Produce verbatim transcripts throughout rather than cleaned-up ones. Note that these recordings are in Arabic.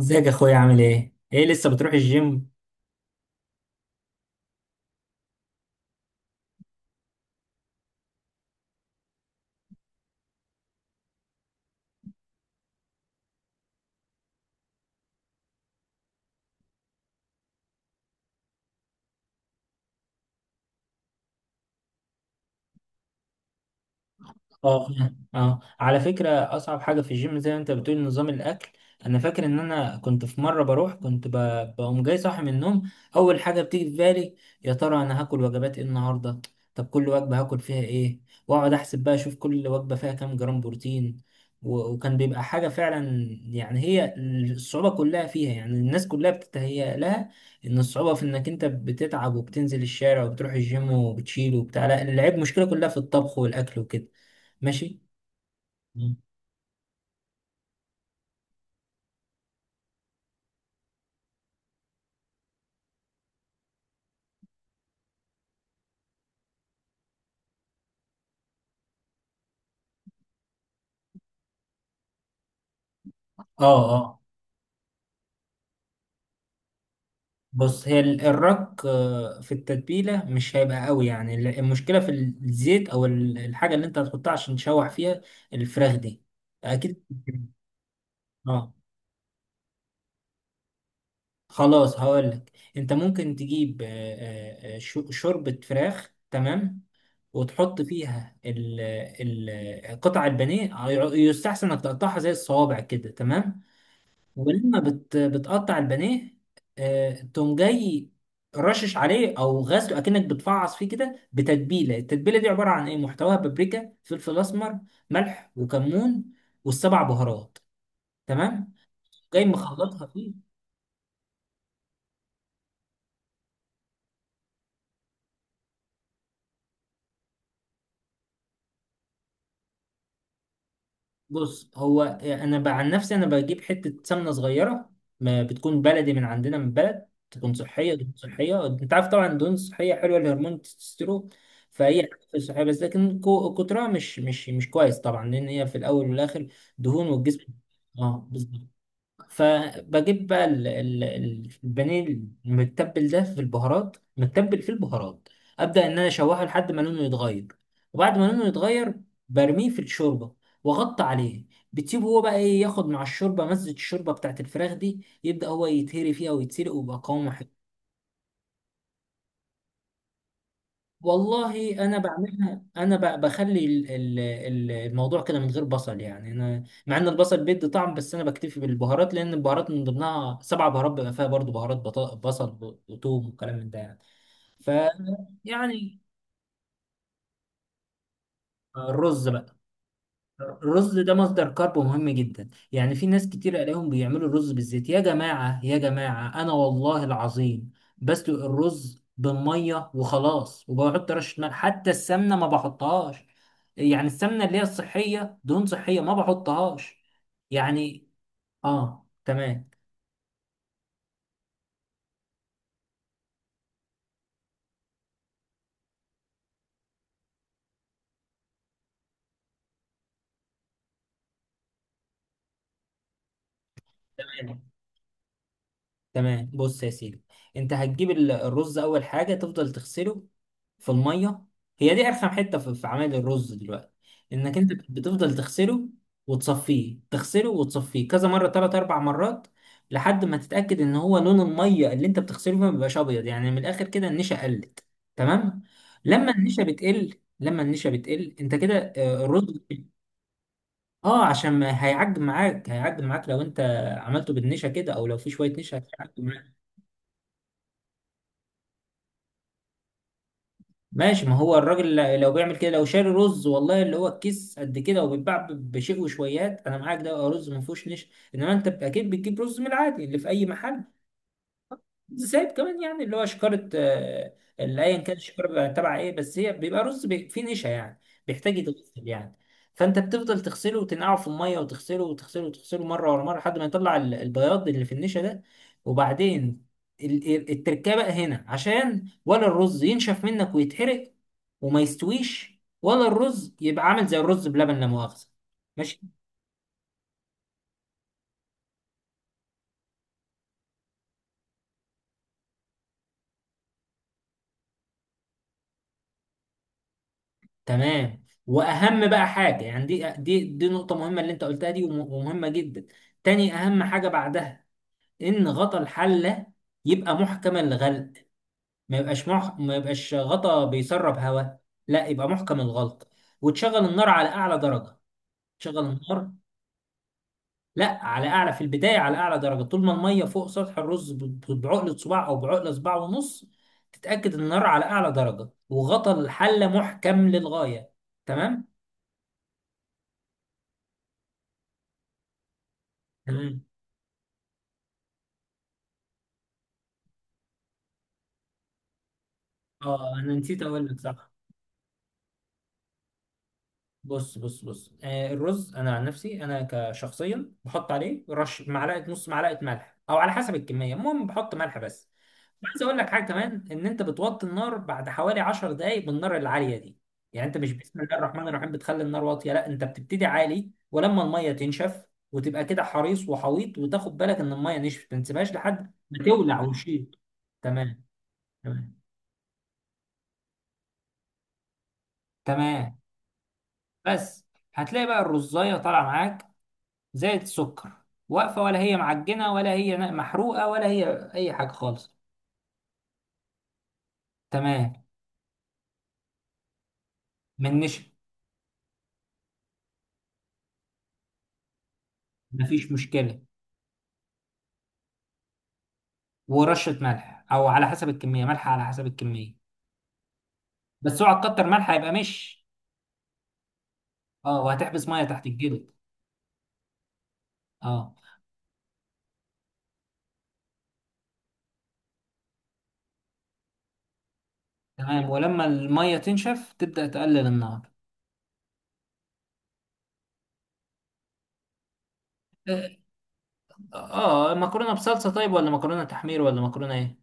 ازيك يا اخويا؟ عامل ايه؟ ايه لسه بتروح الجيم؟ اه فاهم. اه على فكرة، أصعب حاجة في الجيم زي ما أنت بتقول نظام الأكل. أنا فاكر إن أنا كنت في مرة بروح، كنت ب- بقوم جاي صاحي من النوم، أول حاجة بتيجي في بالي يا ترى أنا هاكل وجبات إيه النهاردة؟ طب كل وجبة هاكل فيها إيه؟ وأقعد أحسب بقى أشوف كل وجبة فيها كام جرام بروتين. و- وكان بيبقى حاجة فعلا، يعني هي الصعوبة كلها فيها، يعني الناس كلها بتتهيأ لها إن الصعوبة في إنك أنت بتتعب وبتنزل الشارع وبتروح الجيم وبتشيل وبتاع. لا، العيب مشكلة كلها في الطبخ والأكل وكده. ماشي. مم. اه اه. بص، هي ال- الرك آه، في التتبيله مش هيبقى قوي، يعني ال- المشكله في ال- الزيت او ال- الحاجه اللي انت هتحطها عشان تشوح فيها الفراخ دي، اكيد. اه خلاص هقولك، انت ممكن تجيب آه، آه، آه، شو- شوربه فراخ، تمام، وتحط فيها ال ال قطع البانيه. يستحسن انك تقطعها زي الصوابع كده، تمام. ولما بت بتقطع البانيه، آه، تقوم جاي رشش عليه او غسله اكنك بتفعص فيه كده، بتتبيله. التتبيله دي عباره عن ايه؟ محتواها بابريكا، فلفل اسمر، ملح وكمون، والسبع بهارات. تمام، جاي مخلطها فيه. بص، هو انا بقى عن نفسي انا بجيب حته سمنه صغيره، ما بتكون بلدي من عندنا من بلد، تكون صحيه، دهون صحيه. انت عارف طبعا الدهون الصحيه حلوه لهرمون التستوستيرون، فهي حاجة صحيه، بس لكن كو- كترها مش مش مش كويس طبعا، لان هي في الاول والاخر دهون والجسم. اه بالظبط. فبجيب بقى ال- ال- ال- البانيه المتبل ده في البهارات، متبل في البهارات، ابدا ان انا اشوحه لحد ما لونه يتغير. وبعد ما لونه يتغير، برميه في الشوربه واغطي عليه. بتسيبه هو بقى ايه، ياخد مع الشوربه مزه الشوربه بتاعت الفراخ دي، يبدا هو يتهري فيها ويتسلق ويبقى قوامه. والله انا بعملها، انا ب- بخلي ال- ال- ال- الموضوع كده من غير بصل. يعني انا مع ان البصل بيدي طعم، بس انا بكتفي بالبهارات، لان البهارات من ضمنها سبع بهارات بيبقى فيها برضو بهارات بط- بصل وثوم وكلام من ده يعني. ف يعني الرز بقى. الرز ده مصدر كارب مهم جدا. يعني في ناس كتير الاقيهم بيعملوا الرز بالزيت. يا جماعة يا جماعة، انا والله العظيم بسلق الرز بالمية وخلاص، وبحط رشة ملح، حتى السمنة ما بحطهاش. يعني السمنة اللي هي الصحية، دهون صحية، ما بحطهاش يعني. اه تمام. تمام تمام، بص يا سيدي، انت هتجيب ال- الرز، اول حاجه تفضل تغسله في الميه. هي دي ارخم حته في في عمل الرز دلوقتي، انك انت بتفضل تغسله وتصفيه، تغسله وتصفيه كذا مره، ثلاث اربع مرات، لحد ما تتاكد ان هو لون الميه اللي انت بتغسله فيها ما بيبقاش ابيض، يعني من الاخر كده النشا قلت. تمام. لما النشا بتقل، لما النشا بتقل انت كده آه، الرز. اه عشان ما هيعجن معاك، هيعجن معاك لو انت عملته بالنشا كده، او لو في شويه نشا هتعجن. ماشي، ما هو الراجل ل- لو بيعمل كده، لو شاري رز والله اللي هو الكيس قد كده وبيتباع ب- بشيء وشويات، انا معاك ده آه، رز ما فيهوش نشا. انما انت ب- اكيد بتجيب رز من العادي اللي في اي محل، زائد كمان يعني اللي هو شكارة، آه، اللي ايا كان الشكارة بيبقى تبع ايه، بس هي بيبقى رز بي- فيه نشا يعني، بيحتاج يتغسل يعني. فانت بتفضل تغسله وتنقعه في الميه، وتغسله وتغسله وتغسله مره ورا مره لحد ما يطلع ال- البياض اللي في النشا ده. وبعدين ال- ال- التركيبه بقى هنا، عشان ولا الرز ينشف منك ويتحرق وما يستويش، ولا الرز يبقى عامل زي الرز بلبن لا مؤاخذه. ماشي. تمام، واهم بقى حاجه، يعني دي دي دي نقطه مهمه اللي انت قلتها دي، وم- ومهمه جدا. تاني اهم حاجه بعدها، ان غطا الحله يبقى محكم الغلق، ما يبقاش مح... ما يبقاش غطا بيسرب هواء، لا، يبقى محكم الغلق. وتشغل النار على اعلى درجه. تشغل النار، لا على اعلى. في البدايه على اعلى درجه طول ما الميه فوق سطح الرز ب- بعقله صباع او بعقله صباع ونص. تتاكد ان النار على اعلى درجه وغطا الحله محكم للغايه. تمام. تمام، اه انا نسيت اقول لك، صح. بص بص بص، آه، الرز انا عن نفسي انا كشخصيا بحط عليه رش معلقه، نص معلقه ملح او على حسب الكميه، المهم بحط ملح بس. عايز اقول لك حاجه كمان، ان انت بتوطي النار بعد حوالي 10 دقائق بالنار العاليه دي. يعني انت مش بسم الله الرحمن الرحيم بتخلي النار واطيه، لا، انت بتبتدي عالي ولما الميه تنشف وتبقى كده حريص وحويط وتاخد بالك ان الميه نشفت، ما تسيبهاش لحد ما تولع وشيط. تمام تمام تمام. بس هتلاقي بقى الرزايه طالعه معاك زي السكر، واقفة ولا هي معجنة ولا هي محروقة ولا هي أي حاجة خالص. تمام. من نشا. مفيش مشكلة. ورشة ملح أو على حسب الكمية، ملح على حسب الكمية، بس اوعى تكتر ملح هيبقى مش. اه وهتحبس مية تحت الجلد. اه تمام. ولما المية تنشف تبدأ تقلل النار. اه، آه، مكرونة بصلصة طيب ولا مكرونة تحمير ولا مكرونة ايه؟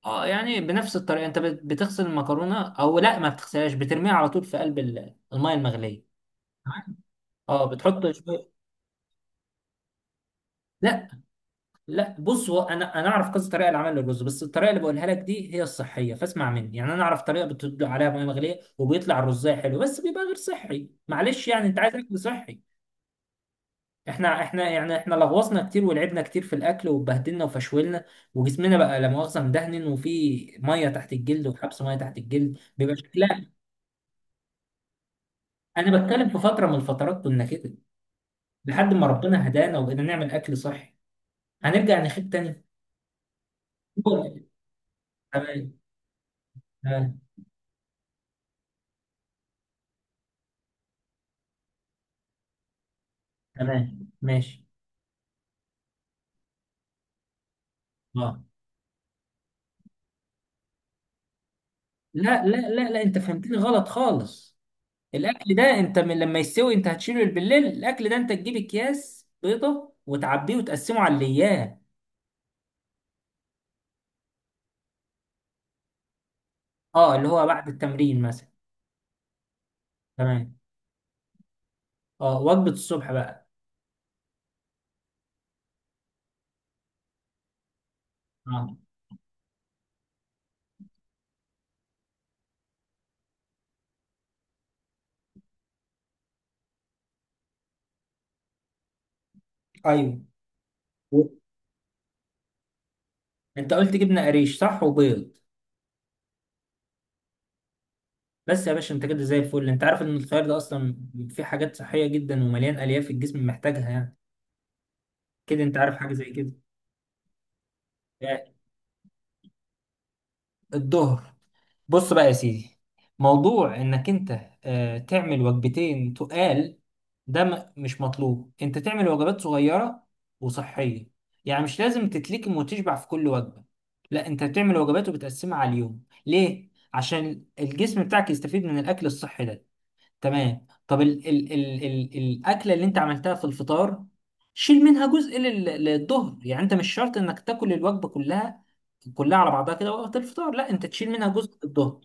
اه، يعني بنفس الطريقة انت بت- بتغسل المكرونة او لا، ما بتغسلهاش، بترميها على طول في قلب ال- المية المغلية. اه بتحط شويه. لا لا، بص هو انا انا اعرف كذا طريقه لعمل الرز، بس الطريقه اللي بقولها لك دي هي الصحيه، فاسمع مني. يعني انا اعرف طريقه بتدلق عليها ميه مغليه وبيطلع الرزايه حلو، بس بيبقى غير صحي معلش، يعني انت عايز اكل صحي. احنا احنا، يعني احنا لغوصنا كتير ولعبنا كتير في الاكل واتبهدلنا وفشولنا، وجسمنا بقى لا مؤاخذه مدهن، وفي ميه تحت الجلد، وحبس ميه تحت الجلد بيبقى شكلها. انا بتكلم في فتره من الفترات كنا كده، لحد ما ربنا هدانا وبقينا نعمل اكل صحي. هنرجع نخيب تاني؟ تمام تمام. تمام ماشي. اه، لا لا لا لا، انت فهمتني غلط خالص. الاكل ده انت من لما يستوي انت هتشيله بالليل، الاكل ده انت تجيب اكياس بيضه وتعبيه وتقسمه على الايام. اه، اللي هو بعد التمرين مثلا. تمام. اه وجبه الصبح بقى. اه ايوه. و- انت قلت جبنه قريش صح وبيض؟ بس يا باشا انت كده زي الفل. انت عارف ان الخيار ده اصلا فيه حاجات صحيه جدا ومليان الياف الجسم محتاجها، يعني كده انت عارف حاجه زي كده. الظهر. بص بقى يا سيدي، موضوع انك انت آه، تعمل وجبتين تقال، ده م- مش مطلوب، انت تعمل وجبات صغيرة وصحية. يعني مش لازم تتلكم وتشبع في كل وجبة، لا، انت بتعمل وجبات وبتقسمها على اليوم. ليه؟ عشان الجسم بتاعك يستفيد من الاكل الصحي ده. تمام، طب ال ال ال ال الاكلة اللي انت عملتها في الفطار، شيل منها جزء لل- للظهر. يعني انت مش شرط انك تاكل الوجبة كلها، كلها على بعضها كده وقت الفطار، لا، انت تشيل منها جزء الظهر.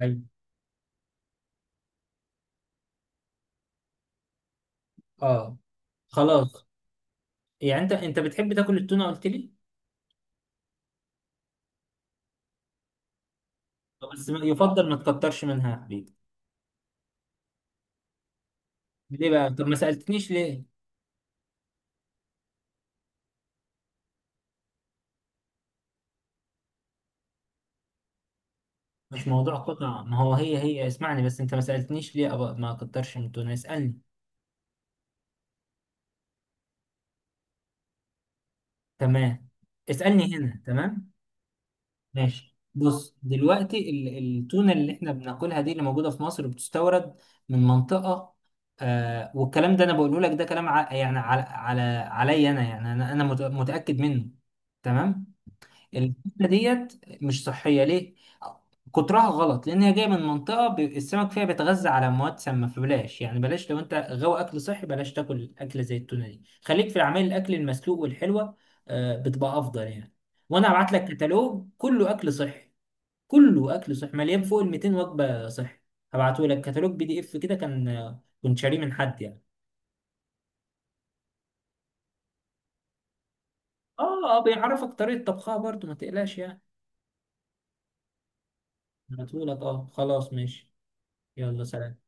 حلو. اه خلاص. يعني انت انت بتحب تاكل التونه قلت لي؟ طب بس ما- يفضل ما تكترش منها يا حبيبي. ليه بقى؟ طب ما سالتنيش ليه. مش موضوع قطع، ما هو هي هي اسمعني بس، انت ما سالتنيش ليه أبقى ما اكترش من التونه؟ اسالني. تمام. اسالني هنا، تمام. ماشي. بص دلوقتي ال- التونه اللي احنا بناكلها دي، اللي موجوده في مصر، بتستورد من منطقه، آه، والكلام ده انا بقوله لك، ده كلام ع... يعني على على عليا انا، يعني انا انا مت- متاكد منه. تمام. الفكرة ديت مش صحية. ليه؟ كترها غلط، لأن هي جاية من منطقة ب- السمك فيها بيتغذى على مواد سامة، فبلاش، يعني بلاش، لو أنت غاوي أكل صحي بلاش تاكل أكلة زي التونة دي. خليك في العمال الأكل المسلوق والحلوة، آه، بتبقى أفضل يعني. وأنا هبعت لك كتالوج كله أكل صحي، كله أكل صحي، مليان فوق ال 200 وجبة صحي. هبعته لك كتالوج بي دي إف كده، كان آه، كنت شاريه من حد يعني. آه آه، بيعرفك طريقة طبخها برضو، ما تقلقش يعني. هبعته لك، آه خلاص ماشي. يلا سلام.